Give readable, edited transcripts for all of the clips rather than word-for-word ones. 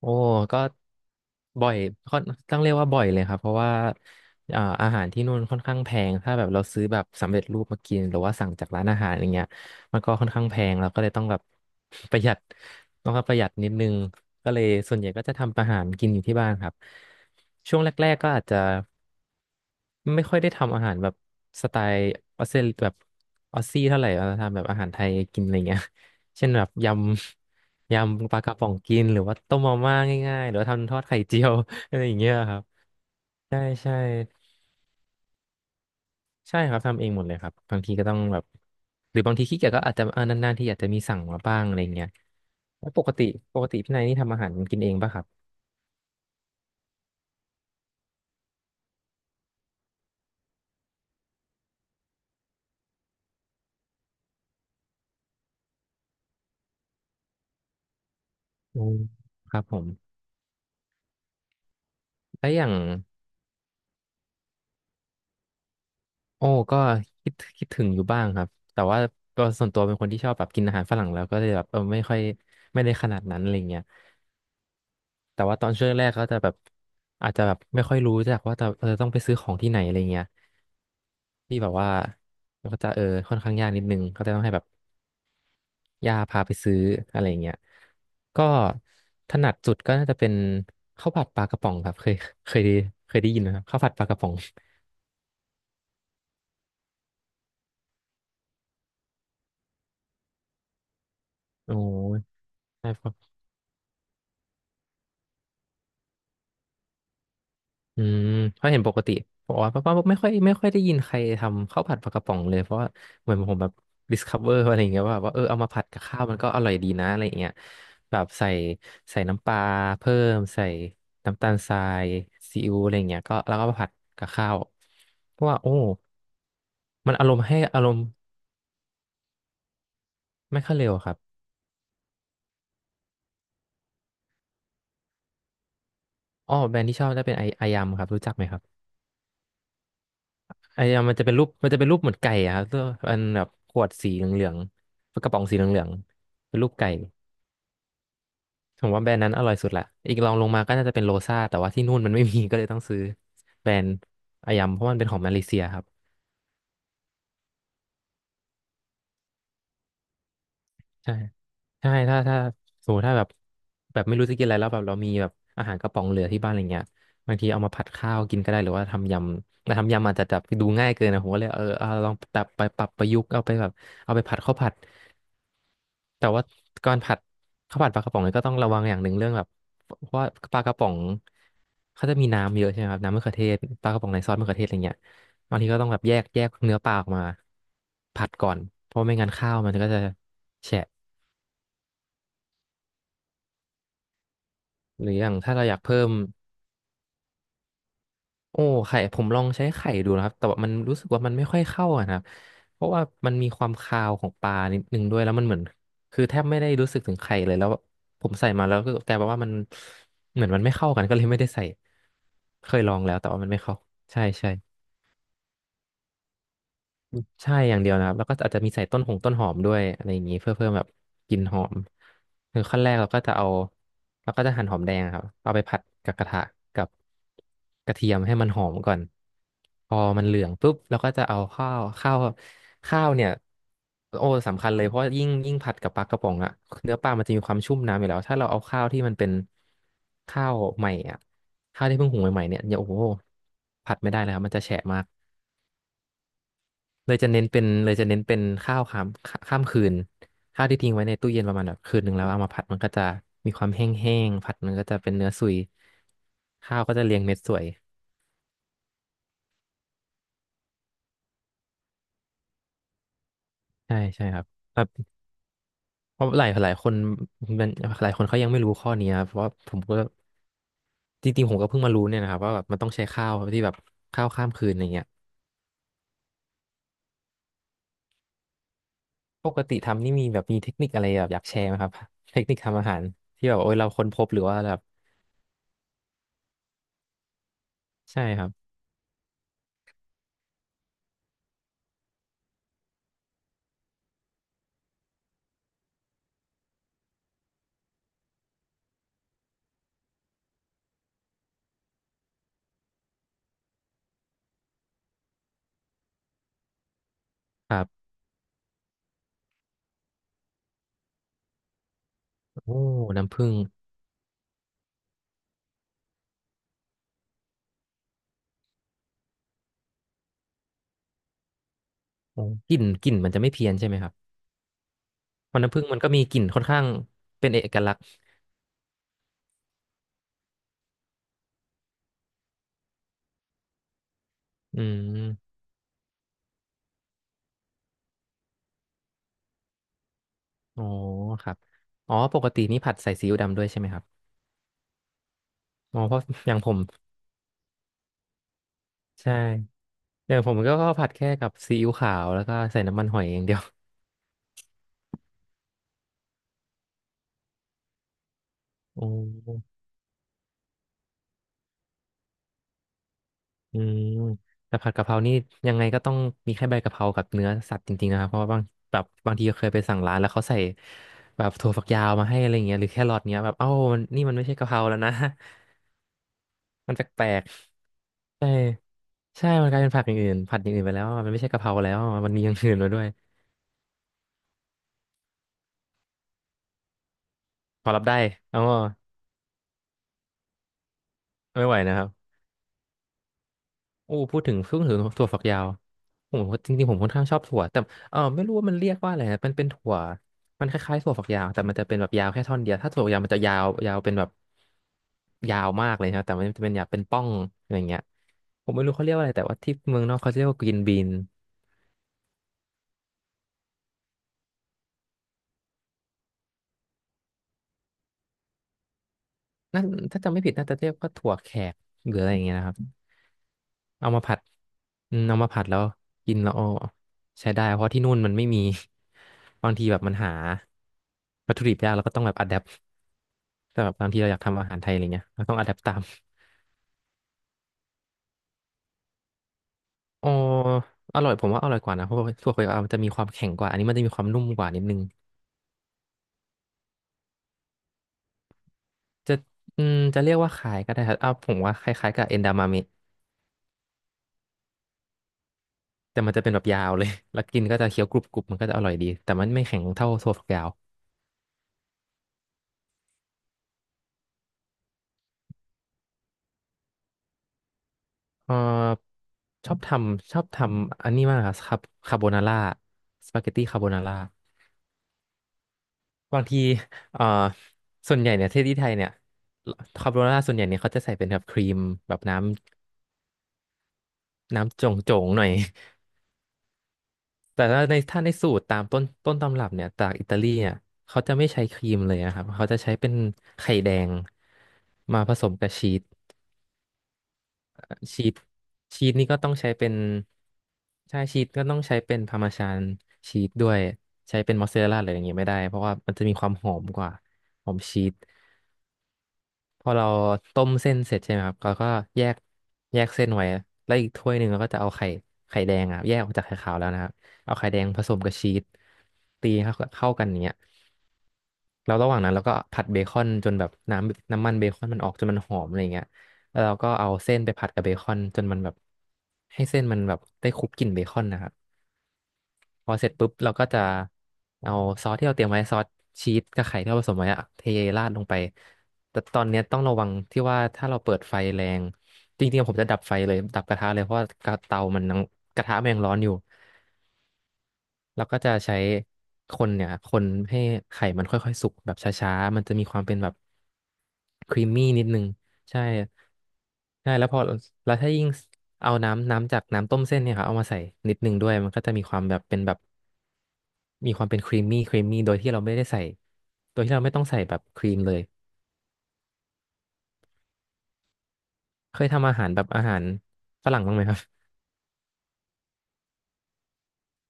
โอ้ก็บ่อยค่อนต้องเรียกว่าบ่อยเลยครับเพราะว่าอาหารที่นู่นค่อนข้างแพงถ้าแบบเราซื้อแบบสำเร็จรูปมากินหรือว่าสั่งจากร้านอาหารอย่างเงี้ยมันก็ค่อนข้างแพงเราก็เลยต้องแบบ ประหยัดต้องประหยัดนิดนึงก็เลยส่วนใหญ่ก็จะทำอาหารกินอยู่ที่บ้านครับช่วงแรกๆก็อาจจะ ไม่ค่อยได้ทำอาหารแบบสไตล์ออสเตรแบบออสซี่เท่าไหร่เราทำแบบอาหารไทยกินอะไรเงี้ย เช่นแบบยำปลากระป๋องกินหรือว่าต้มมาม่าง่ายๆหรือว่าทำทอดไข่เจียว อะไรอย่างเงี้ยครับใช่ใช่ใช่ครับทำเองหมดเลยครับบางทีก็ต้องแบบหรือบางทีขี้เกียจก็อาจจะเออนานๆที่อยาจจะมีสั่งมาบ้างอะไรเงี้ยแล้วปกติพี่นายนี่ทำอาหารกินเองป่ะครับอืมครับผมแล้วอย่าง โอ้ก็คิดถึงอยู่บ้างครับแต่ว่าก็ส่วนตัวเป็นคนที่ชอบแบบกินอาหารฝรั่งแล้วก็เลยแบบเออไม่ค่อยไม่ได้ขนาดนั้นอะไรเงี้ยแต่ว่าตอนช่วงแรกก็จะแบบอาจจะแบบไม่ค่อยรู้จักว่าจะเออต้องไปซื้อของที่ไหนอะไรเงี้ยที่แบบว่าก็จะเออค่อนข้างยากนิดนึงก็จะต้องให้แบบย่าพาไปซื้ออะไรเงี้ยก็ถนัดสุดก็น่าจะเป็นข้าวผัดปลากระป๋องครับเคยเคยได้เคยได้ยินไหมครับข้าวผัดปลากระป๋องโอ้ อืมเพราะเห็นปกติบอกว่าป้าไม่ค่อยได้ยินใครทำข้าวผัดปลากระป๋องเลยเพราะว่าเหมือนผมแบบ discover อะไรอย่างเงี้ยว่าแบบว่าเออเอามาผัดกับข้าวมันก็อร่อยดีนะอะไรอย่างเงี้ยแบบใส่น้ำปลาเพิ่มใส่น้ำตาลทรายซีอิ๊วอะไรอย่างเงี้ยก็แล้วก็มาผัดกับข้าวเพราะว่าโอ้มันอารมณ์ให้อารมณ์ไม่ค่อยเร็วครับอ๋อแบรนด์ที่ชอบจะเป็นไอยำครับรู้จักไหมครับ ไอ้อะมันจะเป็นรูปเหมือนไก่อะครับตัวอันแบบขวดสีเหลืองๆกระป๋องสีเหลืองๆเป็นรูปไก่ผมว่าแบรนด์นั้นอร่อยสุดละอีกรองลงมาก็น่าจะเป็นโรซ่าแต่ว่าที่นู่นมันไม่มี ก็เลยต้องซื้อแบรนด์อายมเพราะมันเป็นของมาเลเซียครับ ใช่ใช่ถ้าสมมติถ้าแบบแบบไม่รู้จะกินอะไรแล้วแบบเรามีแบบอาหารกระป๋องเหลือที่บ้านอะไรเงี้ยบางทีเอามาผัดข้าวกินก็ได้หรือว่าทำยำแต่ทำยำอาจจะแบบดูง่ายเกินนะผมก็เลยเออเอาลองแบบไปปรับประยุกต์เอาไปแบบเอาไปผัดข้าวผัดแต่ว่าก่อนผัดข้าวผัดปลากระป๋องเนี่ยก็ต้องระวังอย่างหนึ่งเรื่องแบบเพราะว่าปลากระป๋องเขาจะมีน้ำเยอะใช่ไหมครับน้ำมะเขือเทศปลากระป๋องในซอสมะเขือเทศอะไรเงี้ยบางทีก็ต้องแบบแยกเนื้อปลาออกมาผัดก่อนเพราะไม่งั้นข้าวมันก็จะแฉะ หรืออย่างถ้าเราอยากเพิ่มโอ้ไข่ผมลองใช้ไข่ดูนะครับแต่ว่ามันรู้สึกว่ามันไม่ค่อยเข้าอะนะครับเพราะว่ามันมีความคาวของปลานิดนึงด้วยแล้วมันเหมือนคือแทบไม่ได้รู้สึกถึงไข่เลยแล้วผมใส่มาแล้วก็กลายเป็นว่ามันเหมือนมันไม่เข้ากันก็เลยไม่ได้ใส่เคยลองแล้วแต่ว่ามันไม่เข้าใช่ใช่ ใช่อย่างเดียวนะครับแล้วก็อาจจะมีใส่ต้นหอมด้วยอะไรอย่างนี้เพื่อเพิ่มแบบกลิ่นหอมคือขั้นแรกเราก็จะหั่นหอมแดงครับเอาไปผัดกับกระทะกับกระเทียมให้มันหอมก่อนพอมันเหลืองปุ๊บเราก็จะเอาข้าวเนี่ยโอ้สำคัญเลยเพราะยิ่งผัดกับปลากระป๋องอะเนื้อปลามันจะมีความชุ่มน้ำอยู่แล้วถ้าเราเอาข้าวที่มันเป็นข้าวใหม่อะข้าวที่เพิ่งหุงใหม่ๆเนี่ยอย่าโอ้โหผัดไม่ได้เลยครับมันจะแฉะมาก เลยจะเน้นเป็นเลยจะเน้นเป็นข้าวข้ามคืนข้าวที่ทิ้งไว้ในตู้เย็นประมาณแบบคืนหนึ่งแล้วเอามาผัดมันก็จะมีความแห้งๆผัดมันก็จะเป็นเนื้อสุยข้าวก็จะเรียงเม็ดสวยใช่ใช่ครับแบบเพราะหลายคนมันหลายคนเขายังไม่รู้ข้อนี้ครับเพราะว่าผมก็จริงๆผมก็เพิ่งมารู้เนี่ยนะครับว่าแบบมันต้องใช้ข้าวที่แบบข้าวข้ามคืนอะไรเงี้ยปกติทำนี่มีแบบมีเทคนิคอะไรแบบอยากแชร์ไหมครับเทคนิคทำอาหารที่แบบโอ้ยเราค้นพบหรือว่าแบบใช่ครับครับโอ้น้ำผึ้ง อ๋อกลิ่นมันจะไม่เพี้ยนใช่ไหมครับเพราะน้ำผึ้งมันก็มีกลิ่นค่อนข้างเป็นเอกลักษณ์อืมอ๋อครับอ๋อปกตินี่ผัดใส่ซีอิ๊วดำด้วยใช่ไหมครับอ๋อเพราะอย่างผมใช่อย่างผมก็ผัดแค่กับซีอิ๊วขาวแล้วก็ใส่น้ำมันหอยอย่างเดียว โอ้อืมแต่ผัดกะเพรานี่ยังไงก็ต้องมีแค่ใบกะเพรากับเนื้อสัตว์จริงๆนะครับเพราะว่าบางแบบบางทีเคยไปสั่งร้านแล้วเขาใส่แบบถั่วฝักยาวมาให้อะไรเงี้ยหรือแครอทเงี้ยแบบเอ้ามันนี่มันไม่ใช่กะเพราแล้วนะ มันแปลก ใช่ใช่มันกลายเป็นผักอย่างอื่นผัดอย่างอื่นไปแล้วอะมันไม่ใช่กะเพราแล้วอะมันมีอย่างอื่นมาด้วยพอรับได้เอาอ่ะไม่ไหวนะครับโอ้พูดถึงถั่วฝักยาวผมจริงๆผมค่อนข้างชอบถั่วแต่ไม่รู้ว่ามันเรียกว่าอะไรนะมันเป็นถั่วมันคล้ายๆถั่วฝักยาวแต่มันจะเป็นแบบยาวแค่ท่อนเดียวถ้าถั่วฝักยาวมันจะยาวเป็นแบบยาวมากเลยนะแต่มันจะเป็นยาวเป็นป้องอะไรอย่างเงี้ยผมไม่รู้เขาเรียกว่าอะไรแต่ว่าที่เมืองนอกเขาเรียกว่า green bean นั่นถ้าจำไม่ผิดน่าจะเรียกว่าถั่วแขกหรืออะไรอย่างเงี้ยนะครับเอามาผัดอืมเอามาผัดแล้วกินแล้วเอาใช้ได้เพราะที่นู่นมันไม่มี บางทีแบบมันหาวัตถุดิบยากแล้วก็ต้องแบบอัดแอปแต่แบบบางทีเราอยากทำอาหารไทยอะไรเงี้ยเราต้องอัดแอปตามอ๋ออร่อยผมว่าอร่อยกว่านะเพราะว่าถั่วเขียวมันจะมีความแข็งกว่าอันนี้มันจะมีความนุ่มกว่านิดนึงจะอืมจะเรียกว่าคล้ายก็ได้ครับอ้าวผมว่าคล้ายๆกับเอนดามาม แต่มันจะเป็นแบบยาวเลย แล้วกินก็จะเคี้ยวกรุบกรุบมันก็จะอร่อยดี แต่มันไม่แข็งเท่าถั่วฝักยาวเออชอบทำอันนี้มากครับคาโบนาร่าสปาเกตตี้คาโบนาร่าบางทีเออส่วนใหญ่เนี่ยที่ไทยเนี่ยคาโบนาร่าส่วนใหญ่เนี่ยเขาจะใส่เป็นแบบครีมแบบน้ำจงจงๆหน่อย แต่ถ้าในสูตรตามต้นตำรับเนี่ยจากอิตาลีเนี่ยเขาจะไม่ใช้ครีมเลยนะครับเขาจะใช้เป็นไข่แดงมาผสมกับชีส ชีสชีสนี่ก็ต้องใช้เป็นใช่ชีสก็ต้องใช้เป็นพาร์มาชานชีสด้วยใช้เป็นมอสซาเรลล่าอะไรอย่างเงี้ยไม่ได้เพราะว่ามันจะมีความหอมกว่าหอมชีสพอเราต้มเส้นเสร็จใช่ไหมครับเราก็แยกแยกเส้นไว้แล้วอีกถ้วยหนึ่งเราก็จะเอาไข่ไข่แดงอ่ะแยกออกจากไข่ขาวแล้วนะครับเอาไข่แดงผสมกับชีสตีให้เข้ากันอย่างเงี้ยแล้วระหว่างนั้นเราก็ผัดเบคอนจนแบบน้ำมันเบคอนมันออกจนมันหอมอะไรอย่างเงี้ย แล้วเราก็เอาเส้นไปผัดกับเบคอนจนมันแบบให้เส้นมันแบบได้คลุกกลิ่นเบคอนนะครับพอเสร็จปุ๊บเราก็จะเอาซอสที่เราเตรียมไว้ซอสชีสกับไข่ที่เราผสมไว้อะเทราดลงไปแต่ตอนเนี้ยต้องระวังที่ว่าถ้าเราเปิดไฟแรงจริงๆผมจะดับไฟเลยดับกระทะเลยเพราะว่ากระเตามันยังกระทะมันยังร้อนอยู่แล้วก็จะใช้คนเนี่ยคนให้ไข่มันค่อยๆสุกแบบช้าๆมันจะมีความเป็นแบบครีมมี่นิดนึง ใช่ใช่ แล้วพอ แล้วถ้ายิ่งเอาน้ำจากน้ำต้มเส้นเนี่ยครับเอามาใส่นิดนึงด้วยมันก็จะมีความแบบเป็นแบบ มีความเป็นครีมมี่โดยที่เราไม่ได้ใส่ โดยที่เราไม่ต้องใส่แบบครีมเลยเคยทำอาหารแบบอาหารฝรั่งบ้างไหมครับ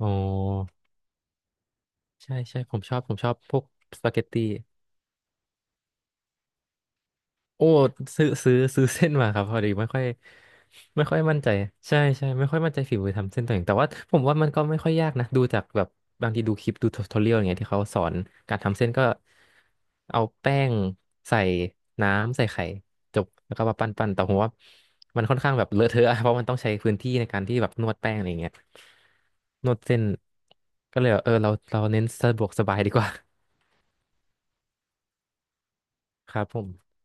อ๋อใช่ใช่ผมชอบ ผมชอบพวกสปาเกตตี้ โอ้ซื้อซื้อเส้นมาครับพอดีไม่ค่อยมั่นใจใช่ใช่ไม่ค่อยมั่นใจฝีมือทำเส้นตัวเองแต่ว่าผมว่ามันก็ไม่ค่อยยากนะดูจากแบบบางทีดูคลิปดูทูทอเรียลอย่างเงี้ยที่เขาสอนการทำเส้นก็เอาแป้งใส่น้ำใส่ไข่จบแล้วก็มาปั้นแต่ผมว่ามันค่อนข้างแบบเลอะเทอะอะเพราะมันต้องใช้พื้นที่ในการที่แบบนวดแป้งอะไรอย่างเงี้ยนวดเส้นก็เลยแบบเออเราเน้นสะดวกสบายดีกว่า ครับผม